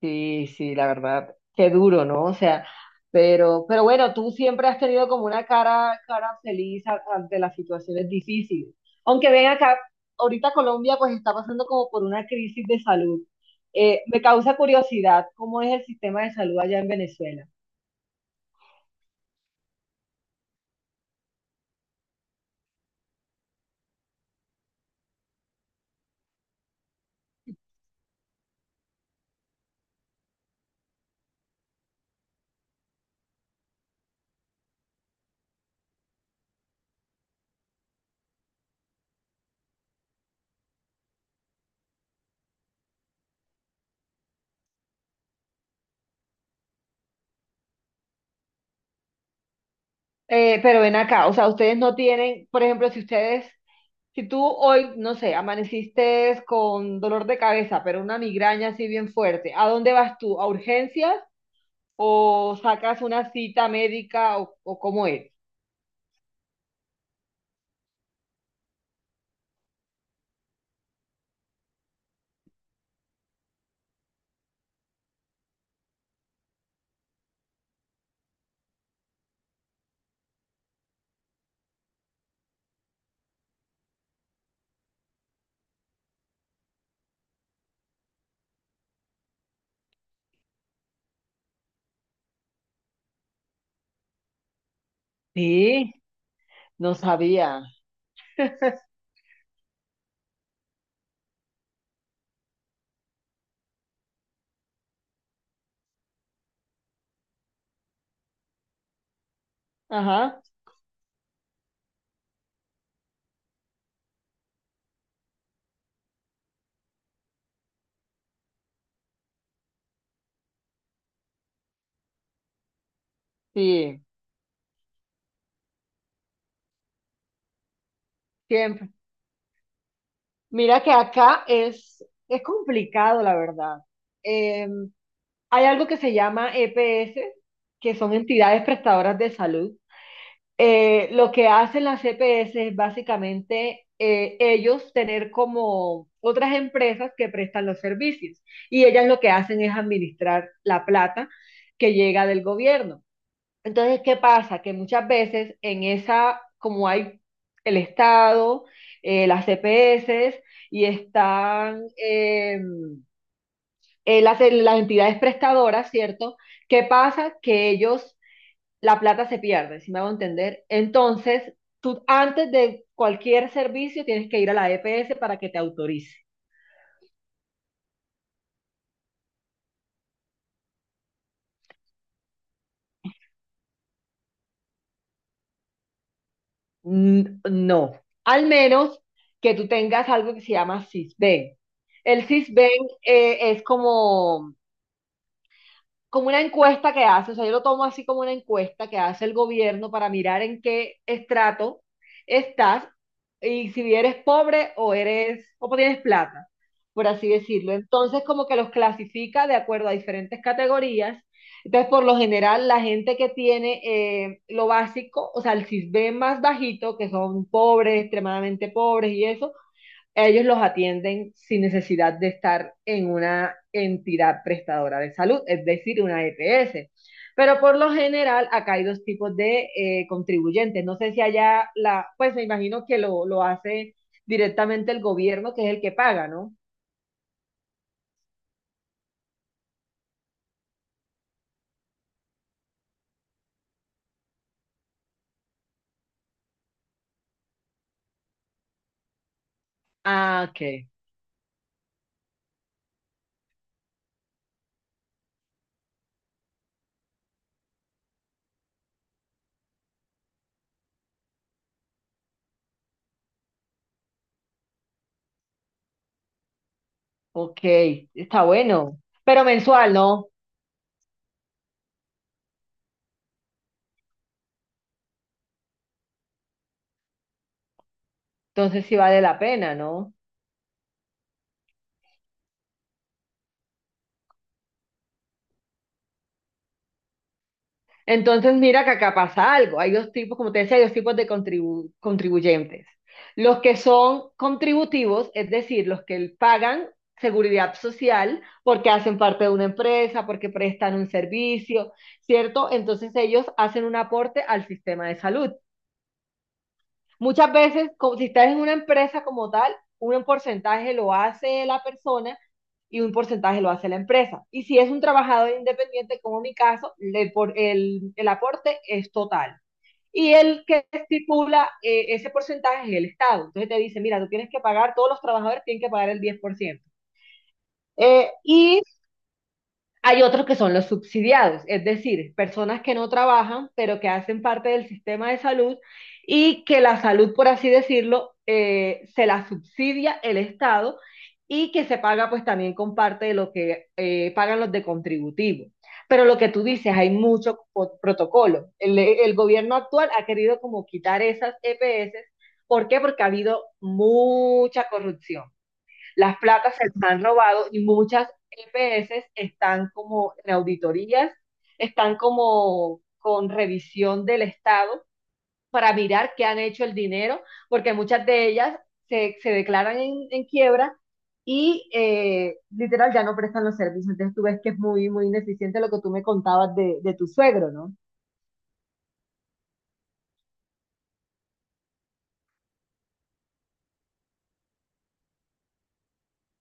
Sí, sí, la verdad, qué duro, ¿no? O sea, pero bueno, tú siempre has tenido como una cara, cara feliz ante las situaciones difíciles. Aunque ven acá, ahorita Colombia pues está pasando como por una crisis de salud. Me causa curiosidad cómo es el sistema de salud allá en Venezuela. Pero ven acá, o sea, ustedes no tienen, por ejemplo, si tú hoy, no sé, amaneciste con dolor de cabeza, pero una migraña así bien fuerte, ¿a dónde vas tú? ¿A urgencias? O sacas una cita médica o cómo es. Sí, no sabía. Ajá, sí, siempre. Mira que acá es complicado, la verdad. Eh, hay algo que se llama EPS, que son entidades prestadoras de salud. Lo que hacen las EPS es básicamente ellos tener como otras empresas que prestan los servicios y ellas lo que hacen es administrar la plata que llega del gobierno. Entonces, ¿qué pasa? Que muchas veces en esa, como hay el Estado, las CPS y están las entidades prestadoras, ¿cierto? ¿Qué pasa? Que ellos, la plata se pierde, si me hago entender. Entonces, tú antes de cualquier servicio tienes que ir a la EPS para que te autorice. No, al menos que tú tengas algo que se llama SISBEN. El SISBEN es como como una encuesta que hace, o sea, yo lo tomo así como una encuesta que hace el gobierno para mirar en qué estrato estás y si eres pobre o eres, o tienes plata, por así decirlo. Entonces, como que los clasifica de acuerdo a diferentes categorías. Entonces, por lo general, la gente que tiene lo básico, o sea, el CISBEN más bajito, que son pobres, extremadamente pobres y eso, ellos los atienden sin necesidad de estar en una entidad prestadora de salud, es decir, una EPS. Pero por lo general, acá hay dos tipos de contribuyentes. No sé si allá la, pues me imagino que lo hace directamente el gobierno, que es el que paga, ¿no? Ah, ok, ok, está bueno. Pero mensual, ¿no? Entonces sí vale la pena, ¿no? Entonces, mira que acá pasa algo. Hay dos tipos, como te decía, hay dos tipos de contribuyentes. Los que son contributivos, es decir, los que pagan seguridad social porque hacen parte de una empresa, porque prestan un servicio, ¿cierto? Entonces ellos hacen un aporte al sistema de salud. Muchas veces, como si estás en una empresa como tal, un porcentaje lo hace la persona y un porcentaje lo hace la empresa. Y si es un trabajador independiente, como mi caso, el aporte es total y el que estipula ese porcentaje es el Estado. Entonces te dice, mira, tú tienes que pagar, todos los trabajadores tienen que pagar el 10%. Y hay otros que son los subsidiados, es decir, personas que no trabajan, pero que hacen parte del sistema de salud y que la salud, por así decirlo, se la subsidia el Estado y que se paga pues también con parte de lo que pagan los de contributivo. Pero lo que tú dices, hay mucho protocolo. El gobierno actual ha querido como quitar esas EPS. ¿Por qué? Porque ha habido mucha corrupción. Las placas se las han robado y muchas EPS están como en auditorías, están como con revisión del Estado para mirar qué han hecho el dinero, porque muchas de ellas se declaran en quiebra y literal ya no prestan los servicios. Entonces tú ves que es muy, muy ineficiente lo que tú me contabas de tu suegro, ¿no?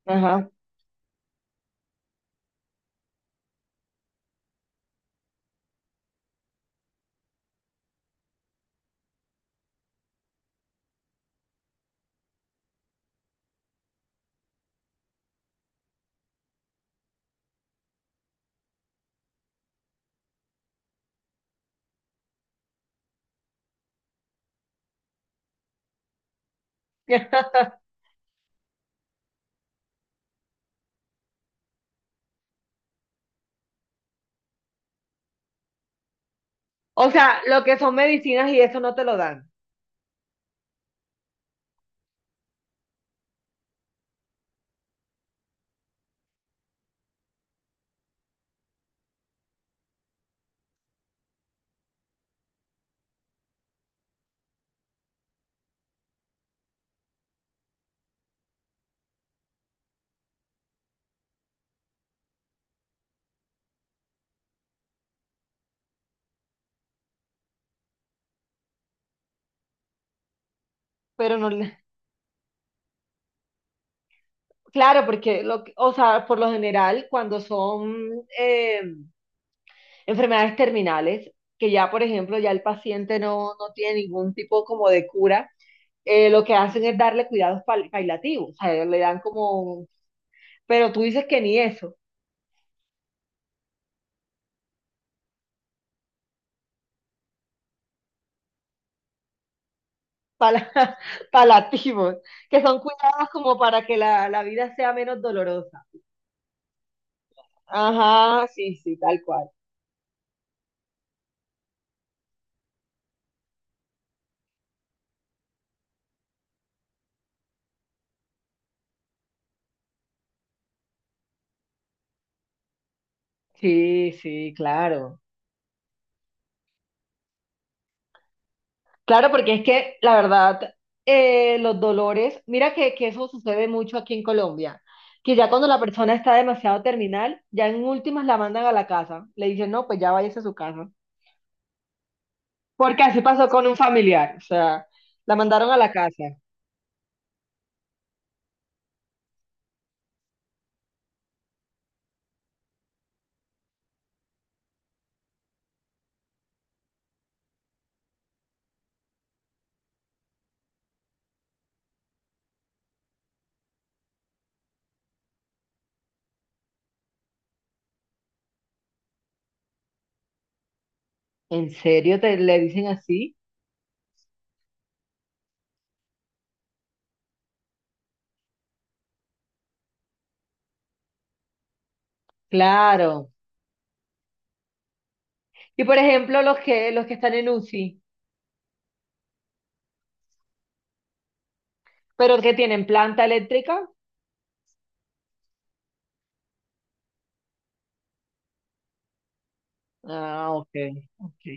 Ajá. O sea, lo que son medicinas y eso no te lo dan, pero no. Claro, porque o sea, por lo general, cuando son enfermedades terminales, que ya, por ejemplo, ya el paciente no tiene ningún tipo como de cura, lo que hacen es darle cuidados paliativos, o sea, le dan como, pero tú dices que ni eso, pala- paliativos, que son cuidados como para que la vida sea menos dolorosa. Ajá, sí, sí, tal cual. Sí, sí, claro. Claro, porque es que la verdad, los dolores, mira que eso sucede mucho aquí en Colombia, que ya cuando la persona está demasiado terminal, ya en últimas la mandan a la casa, le dicen, no, pues ya váyase a su casa, porque así pasó con un familiar, o sea, la mandaron a la casa. ¿En serio te le dicen así? Claro. Y por ejemplo, los que están en UCI, pero que tienen planta eléctrica. Ah, ok, ok.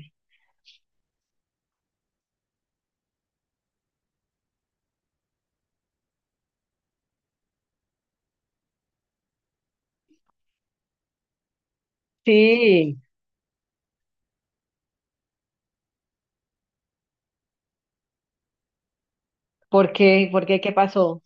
Sí, ¿por qué? ¿Por qué? ¿Qué pasó?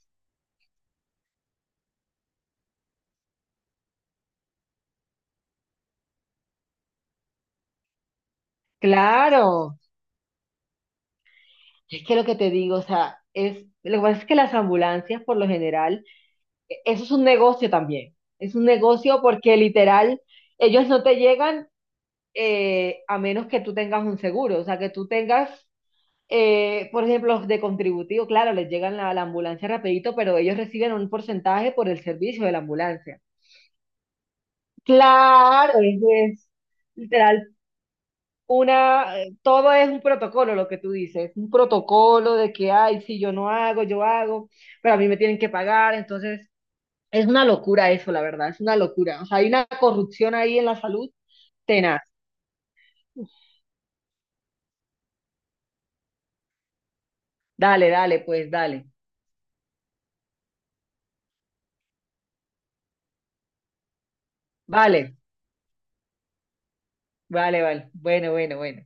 Claro. Es que lo que te digo, o sea, es, lo que pasa es que las ambulancias, por lo general, eso es un negocio también. Es un negocio porque literal, ellos no te llegan a menos que tú tengas un seguro, o sea, que tú tengas, por ejemplo, los de contributivo, claro, les llegan la ambulancia rapidito, pero ellos reciben un porcentaje por el servicio de la ambulancia. Claro, es literal una, todo es un protocolo, lo que tú dices, un protocolo de que, ay, si yo no hago, yo hago, pero a mí me tienen que pagar, entonces es una locura eso, la verdad, es una locura. O sea, hay una corrupción ahí en la salud tenaz. Dale, dale, pues dale. Vale, vale, vale. Bueno, bueno, bueno.